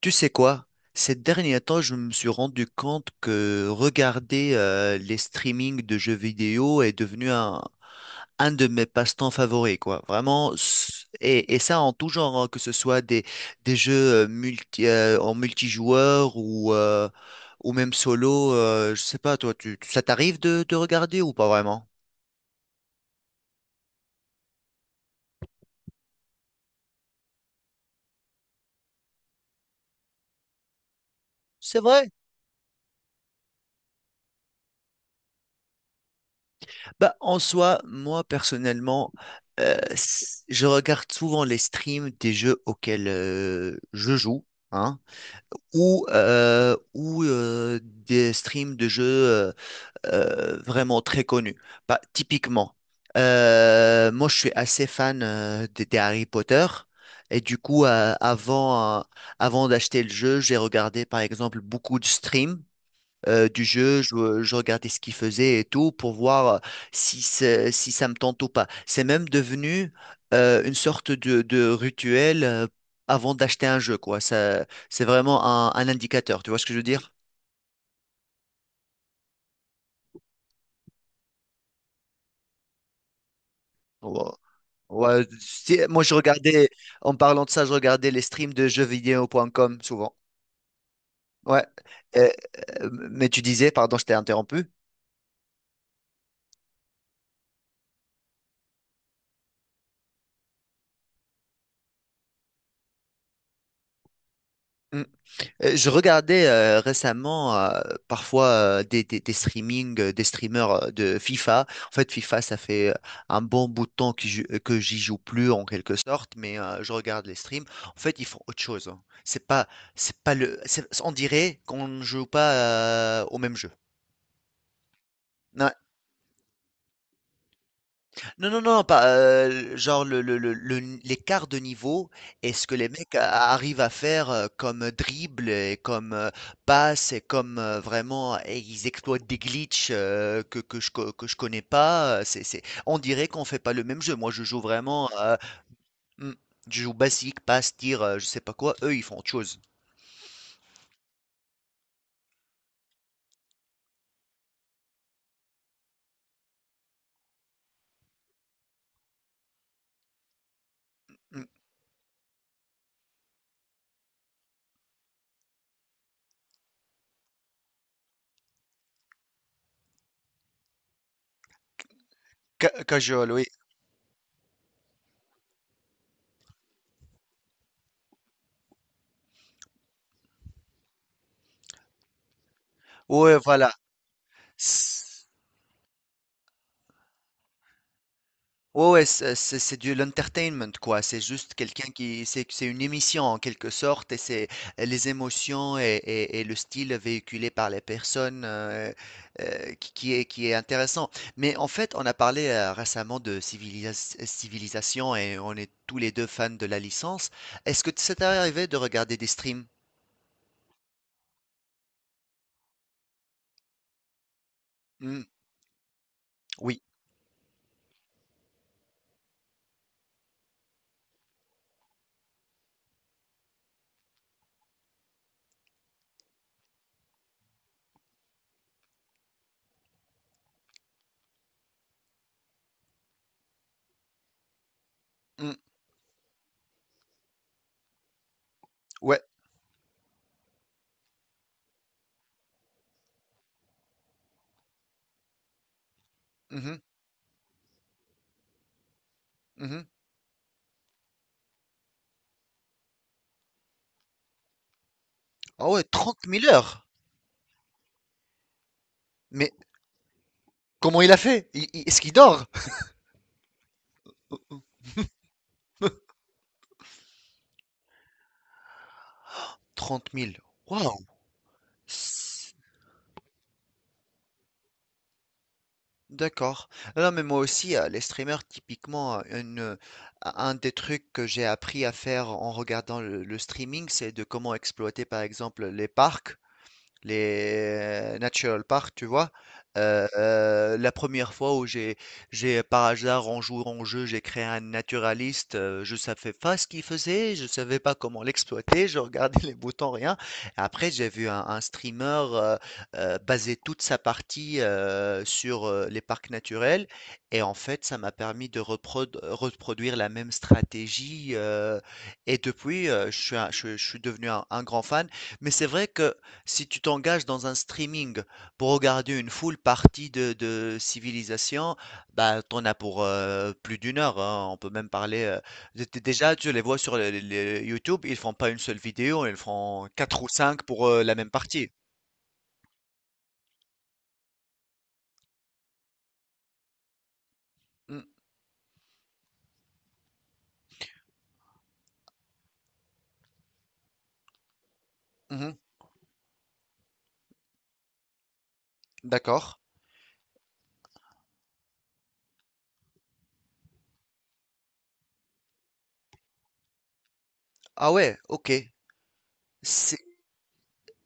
Tu sais quoi? Ces derniers temps, je me suis rendu compte que regarder les streamings de jeux vidéo est devenu un de mes passe-temps favoris, quoi. Vraiment, et ça en tout genre, hein, que ce soit des jeux en multijoueur ou même solo. Je sais pas, toi, ça t'arrive de regarder ou pas vraiment? C'est vrai. Bah, en soi, moi personnellement, je regarde souvent les streams des jeux auxquels je joue, hein, ou des streams de jeux vraiment très connus. Bah, typiquement, moi je suis assez fan des Harry Potter. Et du coup, avant d'acheter le jeu, j'ai regardé par exemple beaucoup de streams du jeu, je regardais ce qu'il faisait et tout pour voir si ça me tente ou pas. C'est même devenu une sorte de rituel avant d'acheter un jeu, quoi. Ça, c'est vraiment un indicateur, tu vois ce que je veux dire? Ouais. Ouais, moi, je regardais, en parlant de ça, je regardais les streams de jeux jeuxvideo.com souvent. Ouais. Euh, mais tu disais, pardon, je t'ai interrompu. Je regardais récemment parfois des streamings, des streamers de FIFA. En fait, FIFA, ça fait un bon bout de temps que j'y joue plus en quelque sorte, mais je regarde les streams. En fait, ils font autre chose. Hein. C'est pas. On dirait qu'on ne joue pas au même jeu. Non, non, non, pas genre le n l'écart de niveau et ce que les mecs a arrivent à faire, comme dribble et comme, passe et comme, vraiment et ils exploitent des glitches, que je connais pas, c'est on dirait qu'on fait pas le même jeu. Moi, je joue vraiment, mmh, je joue basique, passe, tire, je sais pas quoi. Eux, ils font autre chose. Mmh, ca casual, oui. Ouais, voilà. Ouais, ouais, c'est de l'entertainment, quoi. C'est juste quelqu'un c'est une émission en quelque sorte, et c'est les émotions et le style véhiculé par les personnes qui est intéressant. Mais en fait, on a parlé récemment de civilisation et on est tous les deux fans de la licence. Est-ce que ça t'est arrivé de regarder des streams? Hmm, oui. Hmm, ouais. Mhm. Mhm. Ah ouais, 30 000 heures. Mais comment il a fait? Est-ce qu'il dort? 30 000. S- D'accord. Ah non, mais moi aussi, les streamers, typiquement, un des trucs que j'ai appris à faire en regardant le streaming, c'est de comment exploiter, par exemple, les parcs. Les natural parks, tu vois. La première fois où j'ai par hasard en jouant en jeu, j'ai créé un naturaliste. Je savais pas ce qu'il faisait, je savais pas comment l'exploiter. Je regardais les boutons, rien. Après, j'ai vu un streamer euh, baser toute sa partie sur les parcs naturels, et en fait, ça m'a permis de reproduire la même stratégie. Et depuis, je suis devenu un grand fan. Mais c'est vrai que si tu t'engages dans un streaming pour regarder une full partie de Civilisation, bah t'en as pour plus d'une heure. Hein. On peut même parler. Déjà, tu les vois sur les YouTube, ils font pas une seule vidéo, ils font quatre ou cinq pour la même partie. Mm. Mhm. D'accord. Ah ouais, ok.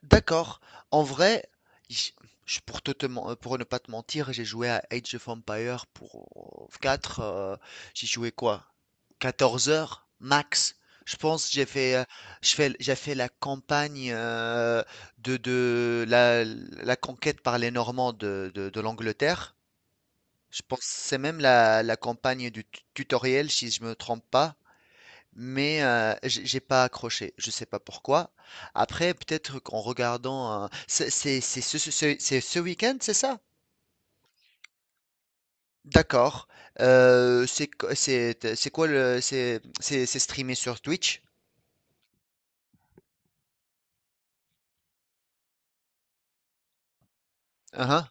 D'accord. En vrai, j- pour ne pas te mentir, j'ai joué à Age of Empires pour 4. J'ai joué quoi? 14 heures max. Je pense que j'ai fait la campagne de la conquête par les Normands de l'Angleterre. Je pense que c'est même la campagne du tutoriel, si je me trompe pas. Mais j'ai pas accroché, je sais pas pourquoi. Après, peut-être qu'en regardant, c'est ce week-end, c'est ça? D'accord. C'est quoi le C'est streamé sur Twitch? Uhum.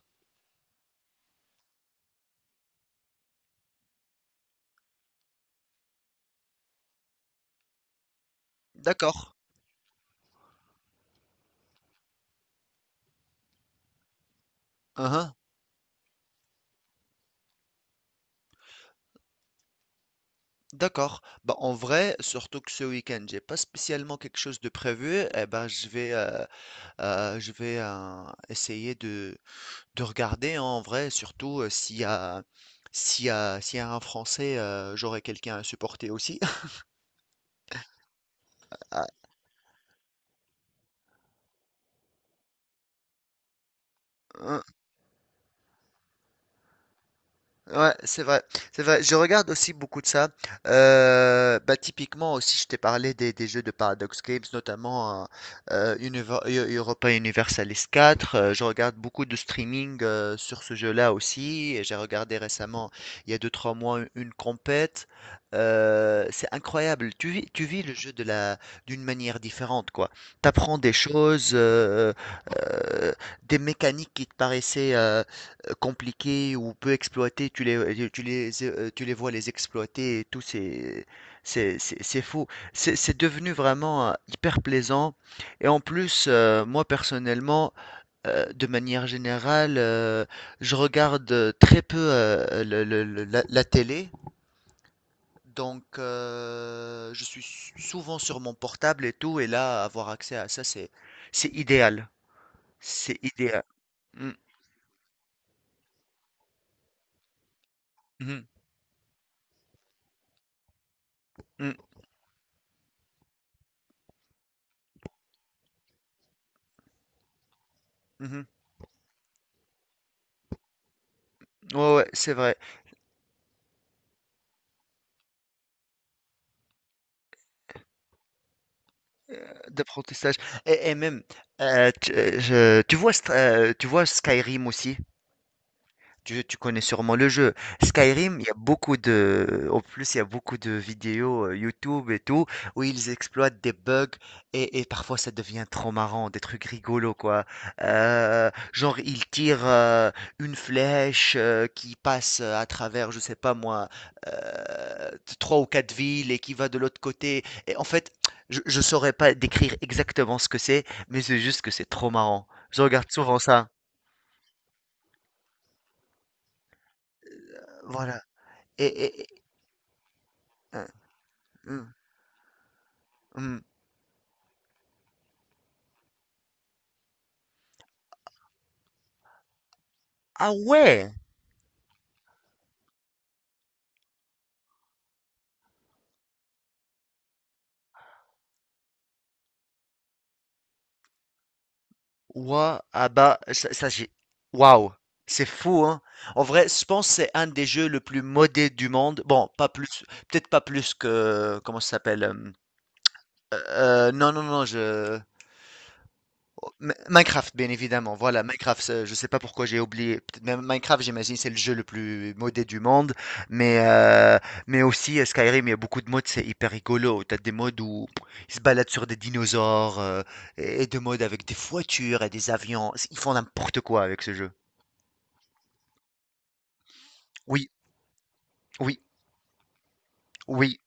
D'accord. Uhum. D'accord. Bah, en vrai, surtout que ce week-end, j'ai pas spécialement quelque chose de prévu. Eh ben, je vais euh, je vais euh, essayer de regarder, hein, en vrai, surtout, s'il y a s'il y a s'il y a un Français, j'aurai quelqu'un à supporter aussi. Ah, hein. Ouais, c'est vrai, c'est vrai. Je regarde aussi beaucoup de ça. Bah, typiquement aussi, je t'ai parlé des jeux de Paradox Games, notamment Europa Universalis 4. Je regarde beaucoup de streaming sur ce jeu-là aussi. Et j'ai regardé récemment, il y a 2 3 mois, une compète. C'est incroyable. Tu vis le jeu d'une manière différente, quoi. T'apprends des choses, euh, des mécaniques qui te paraissaient compliqués ou peu exploités, tu les vois les exploiter et tout, c'est fou. C'est devenu vraiment hyper plaisant. Et en plus, moi personnellement, de manière générale, je regarde très peu la télé. Donc, je suis souvent sur mon portable et tout, et là, avoir accès à ça, c'est idéal. C'est idéal. Mm. Mhm. Mm. Mhm. Ouais, ouais, c'est vrai. D'apprentissage. Et même, tu vois Skyrim aussi? Tu connais sûrement le jeu. Skyrim, il y a beaucoup de. En plus, il y a beaucoup de vidéos YouTube et tout, où ils exploitent des bugs et parfois ça devient trop marrant, des trucs rigolos, quoi. Genre, ils tirent une flèche qui passe à travers, je sais pas moi, euh, 3 ou 4 villes et qui va de l'autre côté. Et en fait, je saurais pas décrire exactement ce que c'est, mais c'est juste que c'est trop marrant. Je regarde souvent ça. Voilà. Et... et- et- hein, hein. Hmm. Ah ouais! Ouais, ah bah, ça, j'ai. Waouh! C'est fou, hein? En vrai, je pense que c'est un des jeux le plus modé du monde. Bon, pas plus, peut-être pas plus que. Comment ça s'appelle? Non, non, non, je. Oh, Minecraft, bien évidemment. Voilà, Minecraft, ça, je sais pas pourquoi j'ai oublié. Peut-être même Minecraft, j'imagine, c'est le jeu le plus modé du monde. Mais, euh, mais aussi, Skyrim, il y a beaucoup de modes, c'est hyper rigolo. T'as des modes où ils se baladent sur des dinosaures, et de modes avec des voitures et des avions. Ils font n'importe quoi avec ce jeu. Oui, oui, oui.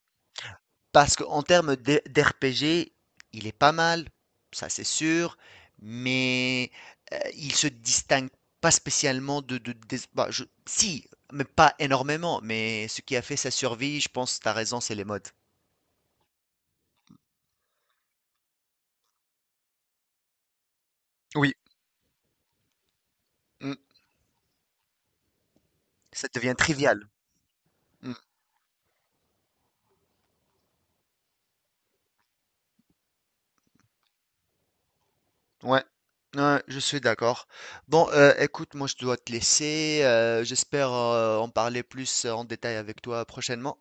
Parce qu'en termes d'RPG, il est pas mal, ça c'est sûr, mais il se distingue pas spécialement bah, si, mais pas énormément. Mais ce qui a fait sa survie, je pense, t'as raison, c'est les modes. Oui, mm, ça devient trivial. Mm, ouais. Ouais, je suis d'accord. Bon, écoute, moi je dois te laisser. J'espère en parler plus en détail avec toi prochainement.